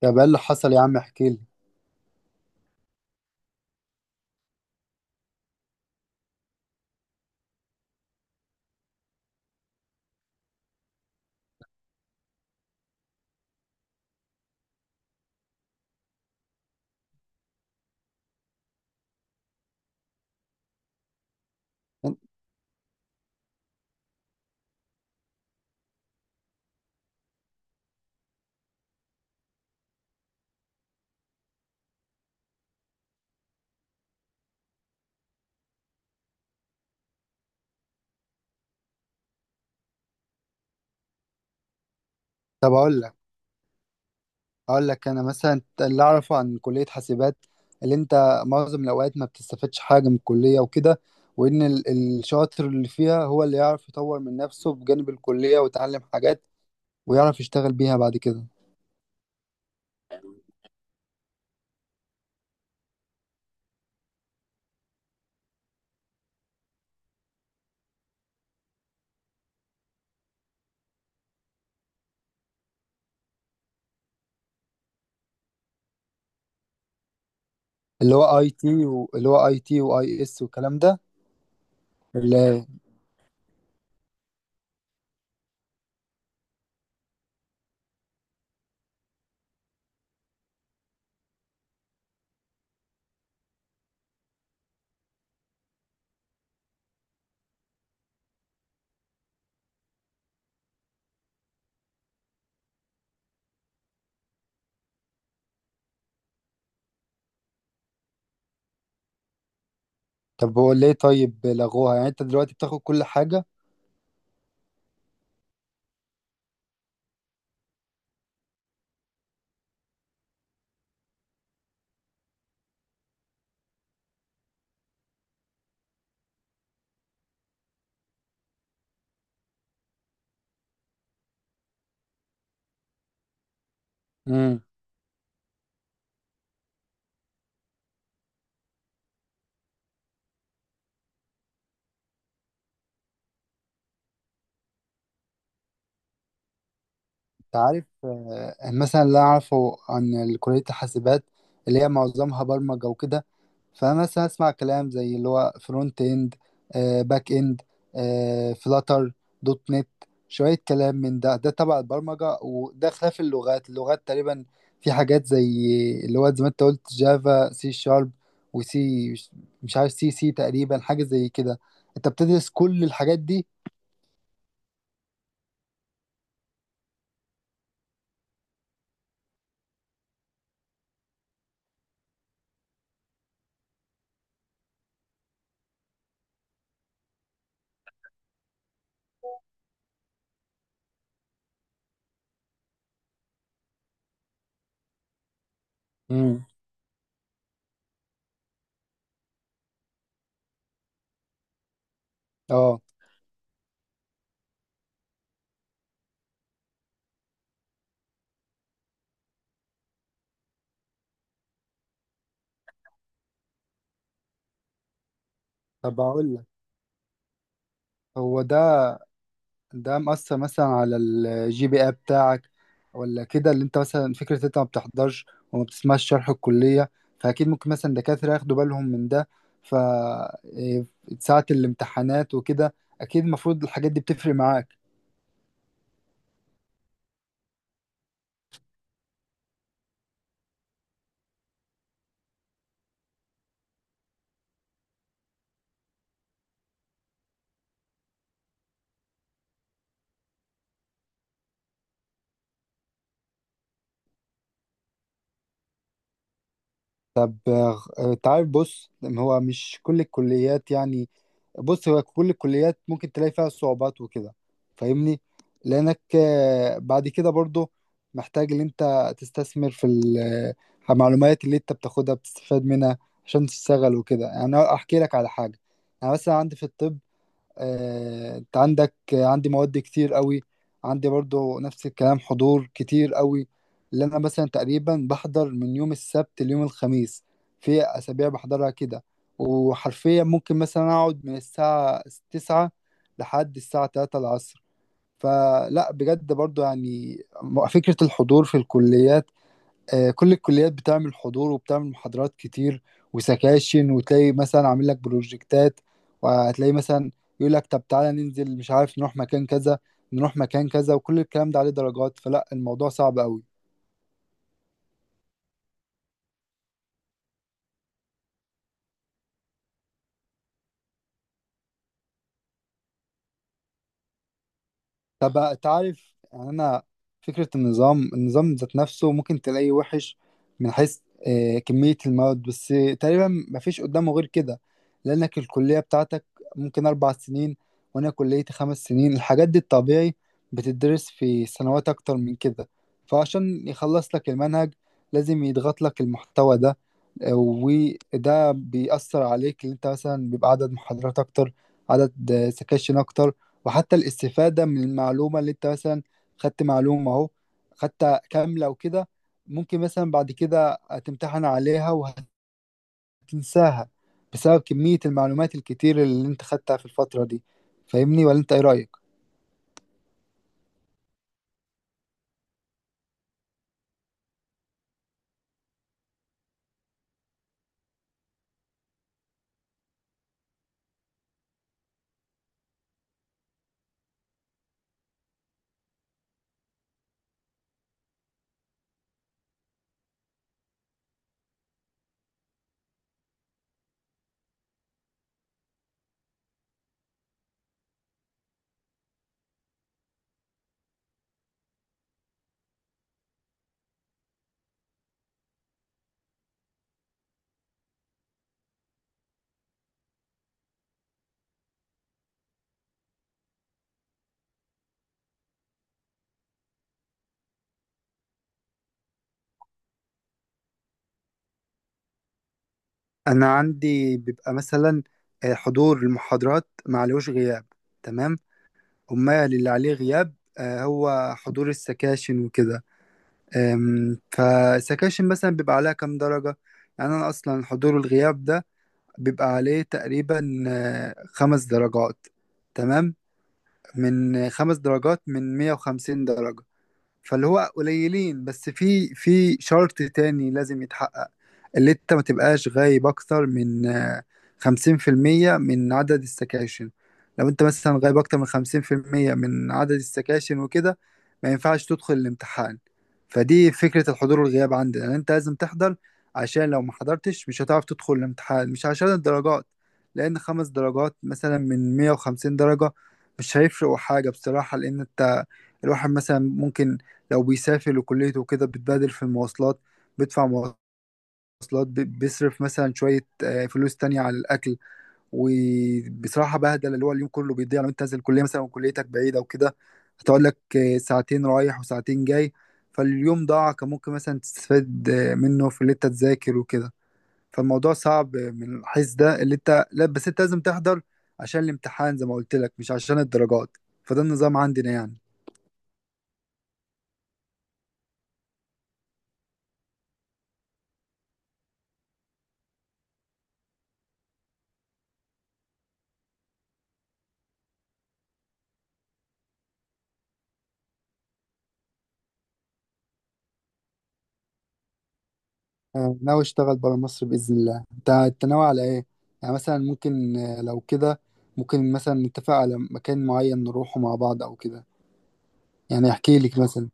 طب ايه اللي حصل يا عم؟ احكي لي. طب اقول لك انا مثلا اللي اعرفه عن كليه حاسبات، اللي انت معظم الاوقات ما بتستفادش حاجه من الكليه وكده، وان الشاطر اللي فيها هو اللي يعرف يطور من نفسه بجانب الكليه ويتعلم حاجات ويعرف يشتغل بيها بعد كده. اللي هو اي تي اللي هو اي تي واي اس والكلام ده. اللي طب هو ليه طيب لغوها؟ يعني انت دلوقتي بتاخد كل حاجه؟ تعرف، مثلا اللي أنا أعرفه عن كلية الحاسبات اللي هي معظمها برمجة وكده، فمثلا أسمع كلام زي اللي هو فرونت إند، باك إند، فلاتر، دوت نت، شوية كلام من ده. ده تبع البرمجة وده خلاف اللغات. اللغات تقريبا في حاجات زي اللي هو زي ما أنت قلت جافا، سي شارب، وسي، مش عارف، سي سي تقريبا حاجة زي كده. أنت بتدرس كل الحاجات دي؟ امم. اه. طب اقول لك، هو ده، ده مأثر مثلا على الجي بي اي بتاعك ولا كده؟ اللي انت مثلا فكرة انت ما بتحضرش وما بتسمعش شرح الكلية، فأكيد ممكن مثلا دكاترة ياخدوا بالهم من ده. ف إيه، ساعة الامتحانات وكده أكيد المفروض الحاجات دي بتفرق معاك. طب انت عارف، بص هو مش كل الكليات، يعني بص هو كل الكليات ممكن تلاقي فيها صعوبات وكده، فاهمني؟ لانك بعد كده برضو محتاج ان انت تستثمر في المعلومات اللي انت بتاخدها بتستفاد منها عشان تشتغل وكده. يعني أنا احكي لك على حاجة. انا مثلا عندي في الطب، انت عندك، عندي مواد كتير قوي، عندي برضو نفس الكلام، حضور كتير قوي. اللي انا مثلا تقريبا بحضر من يوم السبت ليوم الخميس، في اسابيع بحضرها كده، وحرفيا ممكن مثلا اقعد من الساعة 9 لحد الساعة 3 العصر. فلا بجد برضو يعني فكرة الحضور في الكليات، كل الكليات بتعمل حضور وبتعمل محاضرات كتير وسكاشن، وتلاقي مثلا عامل لك بروجكتات، وهتلاقي مثلا يقول لك طب تعالى ننزل، مش عارف، نروح مكان كذا، نروح مكان كذا، وكل الكلام ده عليه درجات. فلا الموضوع صعب قوي. طب تعرف يعني انا فكره النظام ذات نفسه ممكن تلاقيه وحش من حيث كميه المواد بس. تقريبا مفيش قدامه غير كده، لانك الكليه بتاعتك ممكن 4 سنين وانا كليتي 5 سنين. الحاجات دي الطبيعي بتدرس في سنوات اكتر من كده، فعشان يخلص لك المنهج لازم يضغط لك المحتوى ده، وده بيأثر عليك اللي انت مثلا بيبقى عدد محاضرات اكتر، عدد سكاشن اكتر. وحتى الاستفادة من المعلومة اللي انت مثلا خدت معلومة اهو خدتها كاملة وكده، ممكن مثلا بعد كده تمتحن عليها وهتنساها بسبب كمية المعلومات الكتير اللي انت خدتها في الفترة دي. فاهمني ولا انت ايه رأيك؟ انا عندي بيبقى مثلا حضور المحاضرات معلوش غياب، تمام. أمال اللي عليه غياب هو حضور السكاشن وكده. فسكاشن مثلا بيبقى عليها كام درجة. يعني أنا أصلا حضور الغياب ده بيبقى عليه تقريبا 5 درجات، تمام، من 5 درجات من 150 درجة. فاللي هو قليلين، بس في شرط تاني لازم يتحقق، اللي انت ما تبقاش غايب اكتر من 50% من عدد السكاشن. لو انت مثلا غايب اكتر من 50% من عدد السكاشن وكده ما ينفعش تدخل الامتحان. فدي فكرة الحضور والغياب عندنا، يعني انت لازم تحضر عشان لو ما حضرتش مش هتعرف تدخل الامتحان، مش عشان الدرجات. لان 5 درجات مثلا من 150 درجة مش هيفرقوا حاجة بصراحة. لان انت، الواحد مثلا ممكن لو بيسافر لكليته وكده بتبادل في المواصلات، بيدفع مواصلات، بيصرف مثلا شوية فلوس تانية على الأكل. وبصراحة بهدل، اللي هو اليوم كله بيضيع لو أنت نازل الكلية مثلا وكليتك بعيدة وكده هتقعد لك ساعتين رايح وساعتين جاي. فاليوم ضاع، كان ممكن مثلا تستفاد منه في اللي أنت تذاكر وكده. فالموضوع صعب من الحيث ده، اللي أنت لا بس أنت لازم تحضر عشان الامتحان زي ما قلت لك، مش عشان الدرجات. فده النظام عندنا يعني. ناوي اشتغل برا مصر باذن الله. أنت ناوي على ايه؟ يعني مثلا ممكن لو كده ممكن مثلا نتفق على مكان معين نروحه مع بعض او كده. يعني احكي لك مثلا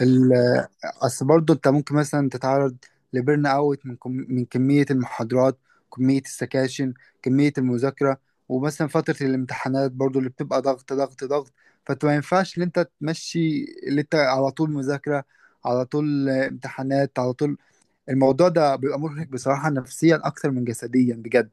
ال- اصل برضه انت ممكن مثلا تتعرض لبرن اوت من من كميه المحاضرات، كميه السكاشن، كميه المذاكره. ومثلا فتره الامتحانات برضه اللي بتبقى ضغط ضغط ضغط، فانت ما ينفعش ان انت تمشي اللي انت على طول مذاكره، على طول امتحانات، على طول. الموضوع ده بيبقى مرهق بصراحة نفسيا أكتر من جسديا بجد.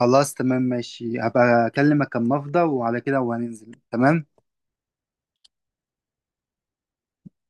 خلاص تمام ماشي، هبقى أكلمك أما أفضى وعلى كده وهننزل، تمام.